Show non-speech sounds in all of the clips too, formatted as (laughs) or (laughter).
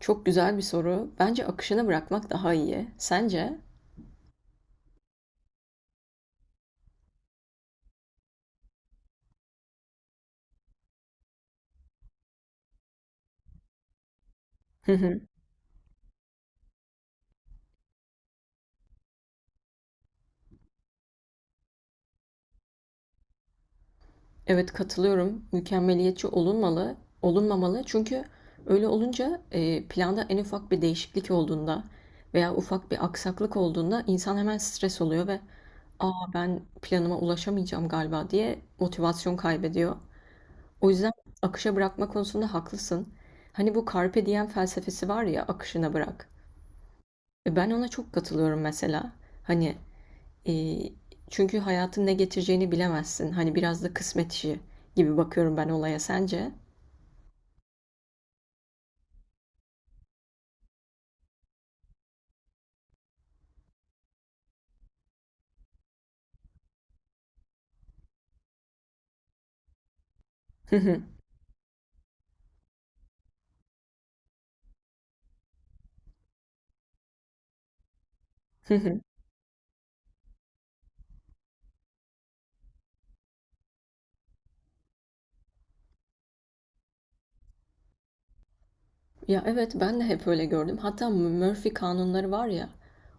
Çok güzel bir soru. Bence akışına bırakmak daha iyi. Sence? Hı hı. Evet katılıyorum. Mükemmeliyetçi olunmalı, olunmamalı. Çünkü öyle olunca planda en ufak bir değişiklik olduğunda veya ufak bir aksaklık olduğunda insan hemen stres oluyor ve "Aa ben planıma ulaşamayacağım galiba." diye motivasyon kaybediyor. O yüzden akışa bırakma konusunda haklısın. Hani bu carpe diem felsefesi var ya, akışına bırak. Ben ona çok katılıyorum mesela. Hani Eee, Çünkü hayatın ne getireceğini bilemezsin. Hani biraz da kısmet işi gibi bakıyorum ben olaya. Sence? (laughs) Ya evet ben de hep öyle gördüm. Hatta Murphy kanunları var ya.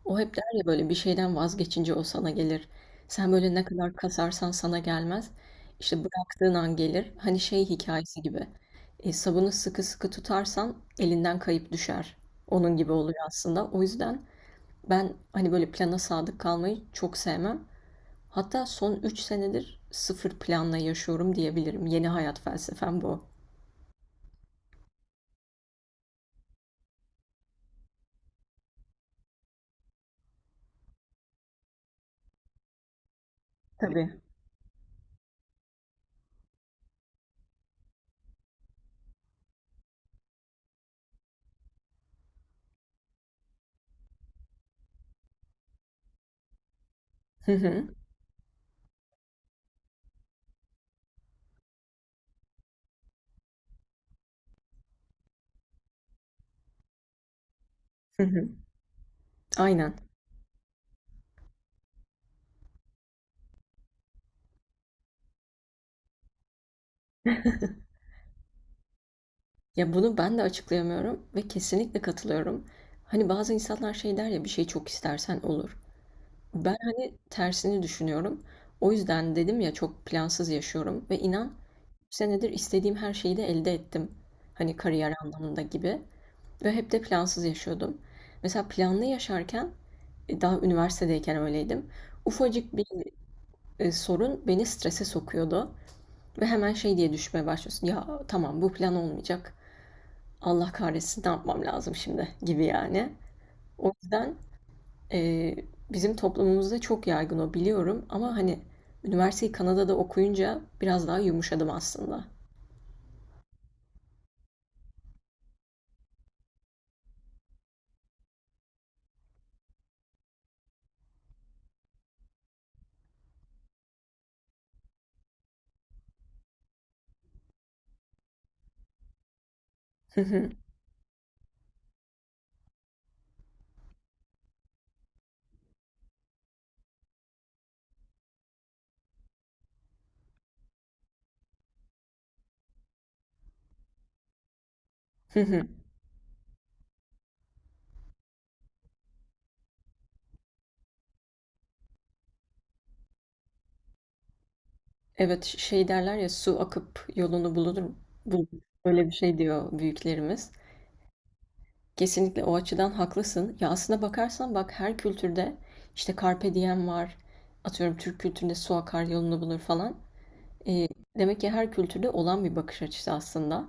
O hep der ya böyle bir şeyden vazgeçince o sana gelir. Sen böyle ne kadar kasarsan sana gelmez. İşte bıraktığın an gelir. Hani şey hikayesi gibi. Sabunu sıkı sıkı tutarsan elinden kayıp düşer. Onun gibi oluyor aslında. O yüzden ben hani böyle plana sadık kalmayı çok sevmem. Hatta son 3 senedir sıfır planla yaşıyorum diyebilirim. Yeni hayat felsefem bu. Tabii. Hı hı. Hı hı. Aynen. Ya bunu ben de açıklayamıyorum ve kesinlikle katılıyorum. Hani bazı insanlar şey der ya bir şey çok istersen olur. Ben hani tersini düşünüyorum. O yüzden dedim ya çok plansız yaşıyorum ve inan 3 senedir istediğim her şeyi de elde ettim. Hani kariyer anlamında gibi. Ve hep de plansız yaşıyordum. Mesela planlı yaşarken daha üniversitedeyken öyleydim. Ufacık bir sorun beni strese sokuyordu. Ve hemen şey diye düşmeye başlıyorsun. Ya tamam bu plan olmayacak. Allah kahretsin ne yapmam lazım şimdi gibi yani. O yüzden e, bizim toplumumuzda çok yaygın o biliyorum. Ama hani üniversiteyi Kanada'da okuyunca biraz daha yumuşadım aslında. (laughs) Evet, şey derler ya su akıp yolunu bulur, bulur. Öyle bir şey diyor büyüklerimiz. Kesinlikle o açıdan haklısın. Ya aslına bakarsan bak her kültürde işte carpe diem var. Atıyorum Türk kültüründe su akar yolunu bulur falan. E, Demek ki her kültürde olan bir bakış açısı aslında.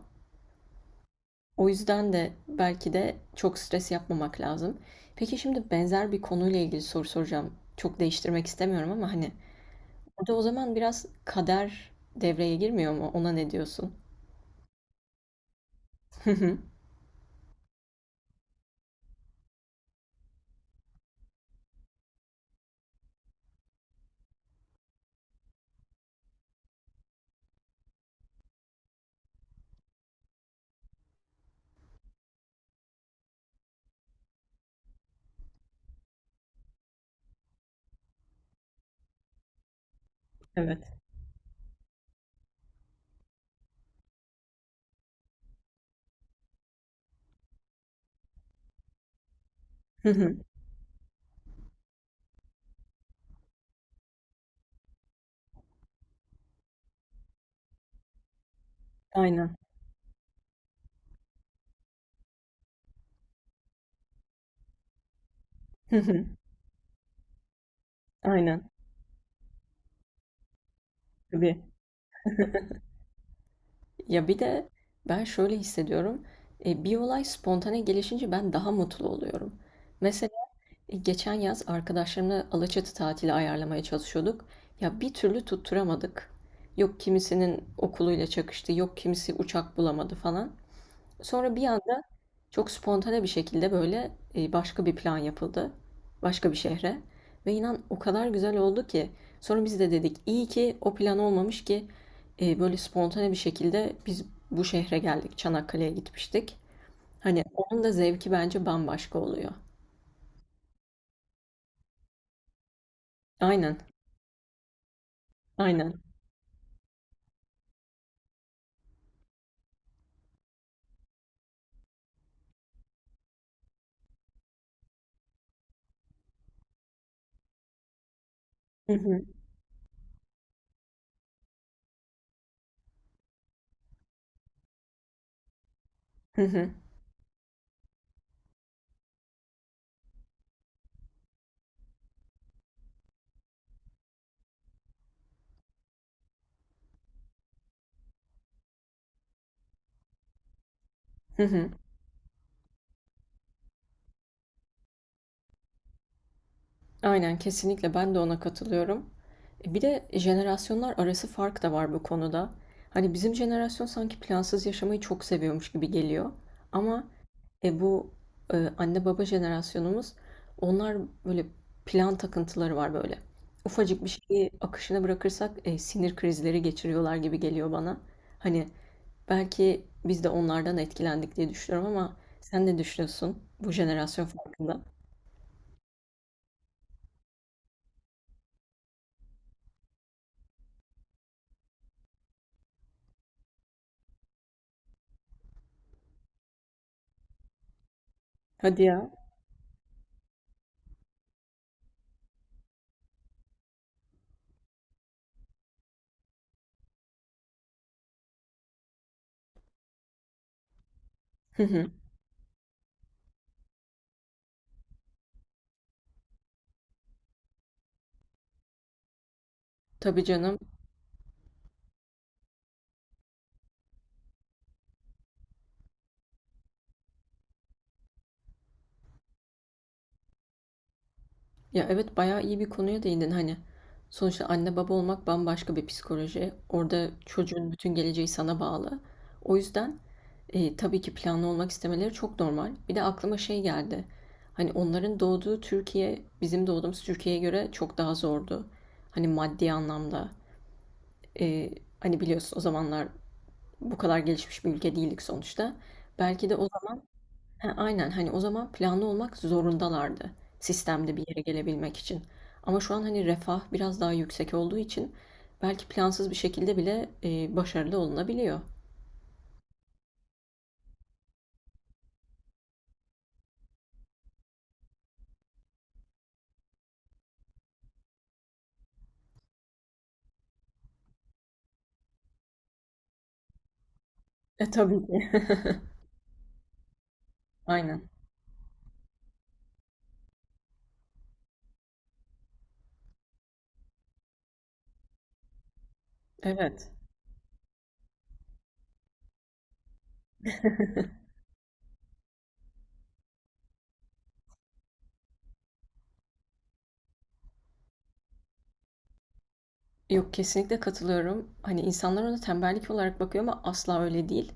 O yüzden de belki de çok stres yapmamak lazım. Peki şimdi benzer bir konuyla ilgili soru soracağım. Çok değiştirmek istemiyorum ama hani burada o zaman biraz kader devreye girmiyor mu? Ona ne diyorsun? (laughs) Evet. Hı hı. Aynen. Hı hı. Aynen. Tabii. Ya bir de ben şöyle hissediyorum. Bir olay spontane gelişince ben daha mutlu oluyorum. Mesela geçen yaz arkadaşlarımla Alaçatı tatili ayarlamaya çalışıyorduk. Ya bir türlü tutturamadık. Yok kimisinin okuluyla çakıştı, yok kimisi uçak bulamadı falan. Sonra bir anda çok spontane bir şekilde böyle başka bir plan yapıldı. Başka bir şehre. Ve inan o kadar güzel oldu ki. Sonra biz de dedik iyi ki o plan olmamış ki böyle spontane bir şekilde biz bu şehre geldik. Çanakkale'ye gitmiştik. Hani onun da zevki bence bambaşka oluyor. Aynen, aynen. Hı hı, hı hı, hı hı. Aynen, kesinlikle ben de ona katılıyorum. Bir de jenerasyonlar arası fark da var bu konuda. Hani bizim jenerasyon sanki plansız yaşamayı çok seviyormuş gibi geliyor. Ama e, bu anne baba jenerasyonumuz, onlar, böyle plan takıntıları var böyle. Ufacık bir şeyi akışına bırakırsak sinir krizleri geçiriyorlar gibi geliyor bana. Hani belki biz de onlardan etkilendik diye düşünüyorum ama sen ne düşünüyorsun bu jenerasyon farkında? Hadi ya. Hı hı. Tabii canım. Ya evet bayağı iyi bir konuya değindin hani. Sonuçta anne baba olmak bambaşka bir psikoloji. Orada çocuğun bütün geleceği sana bağlı. O yüzden tabii ki planlı olmak istemeleri çok normal. Bir de aklıma şey geldi. Hani onların doğduğu Türkiye bizim doğduğumuz Türkiye'ye göre çok daha zordu. Hani maddi anlamda. E, Hani biliyorsun o zamanlar bu kadar gelişmiş bir ülke değildik sonuçta. Belki de o, he, aynen. Hani, o zaman planlı olmak zorundalardı sistemde bir yere gelebilmek için. Ama şu an, hani, refah biraz daha yüksek olduğu için belki plansız bir şekilde bile, başarılı olunabiliyor. Tabii ki. (laughs) Aynen. Evet. Yok, kesinlikle katılıyorum. Hani, insanlar ona tembellik olarak bakıyor ama asla öyle değil.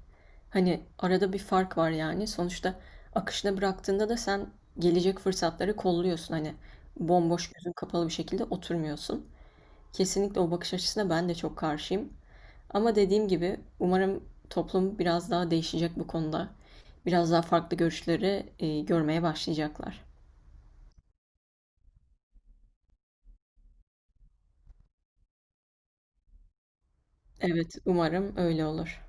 Hani, arada bir fark var, yani. Sonuçta akışına bıraktığında da sen gelecek fırsatları kolluyorsun. Hani, bomboş, gözün kapalı bir şekilde oturmuyorsun. Kesinlikle o bakış açısına ben de çok karşıyım. Ama dediğim gibi umarım toplum biraz daha değişecek bu konuda. Biraz daha farklı görüşleri görmeye başlayacaklar. Evet, umarım öyle olur.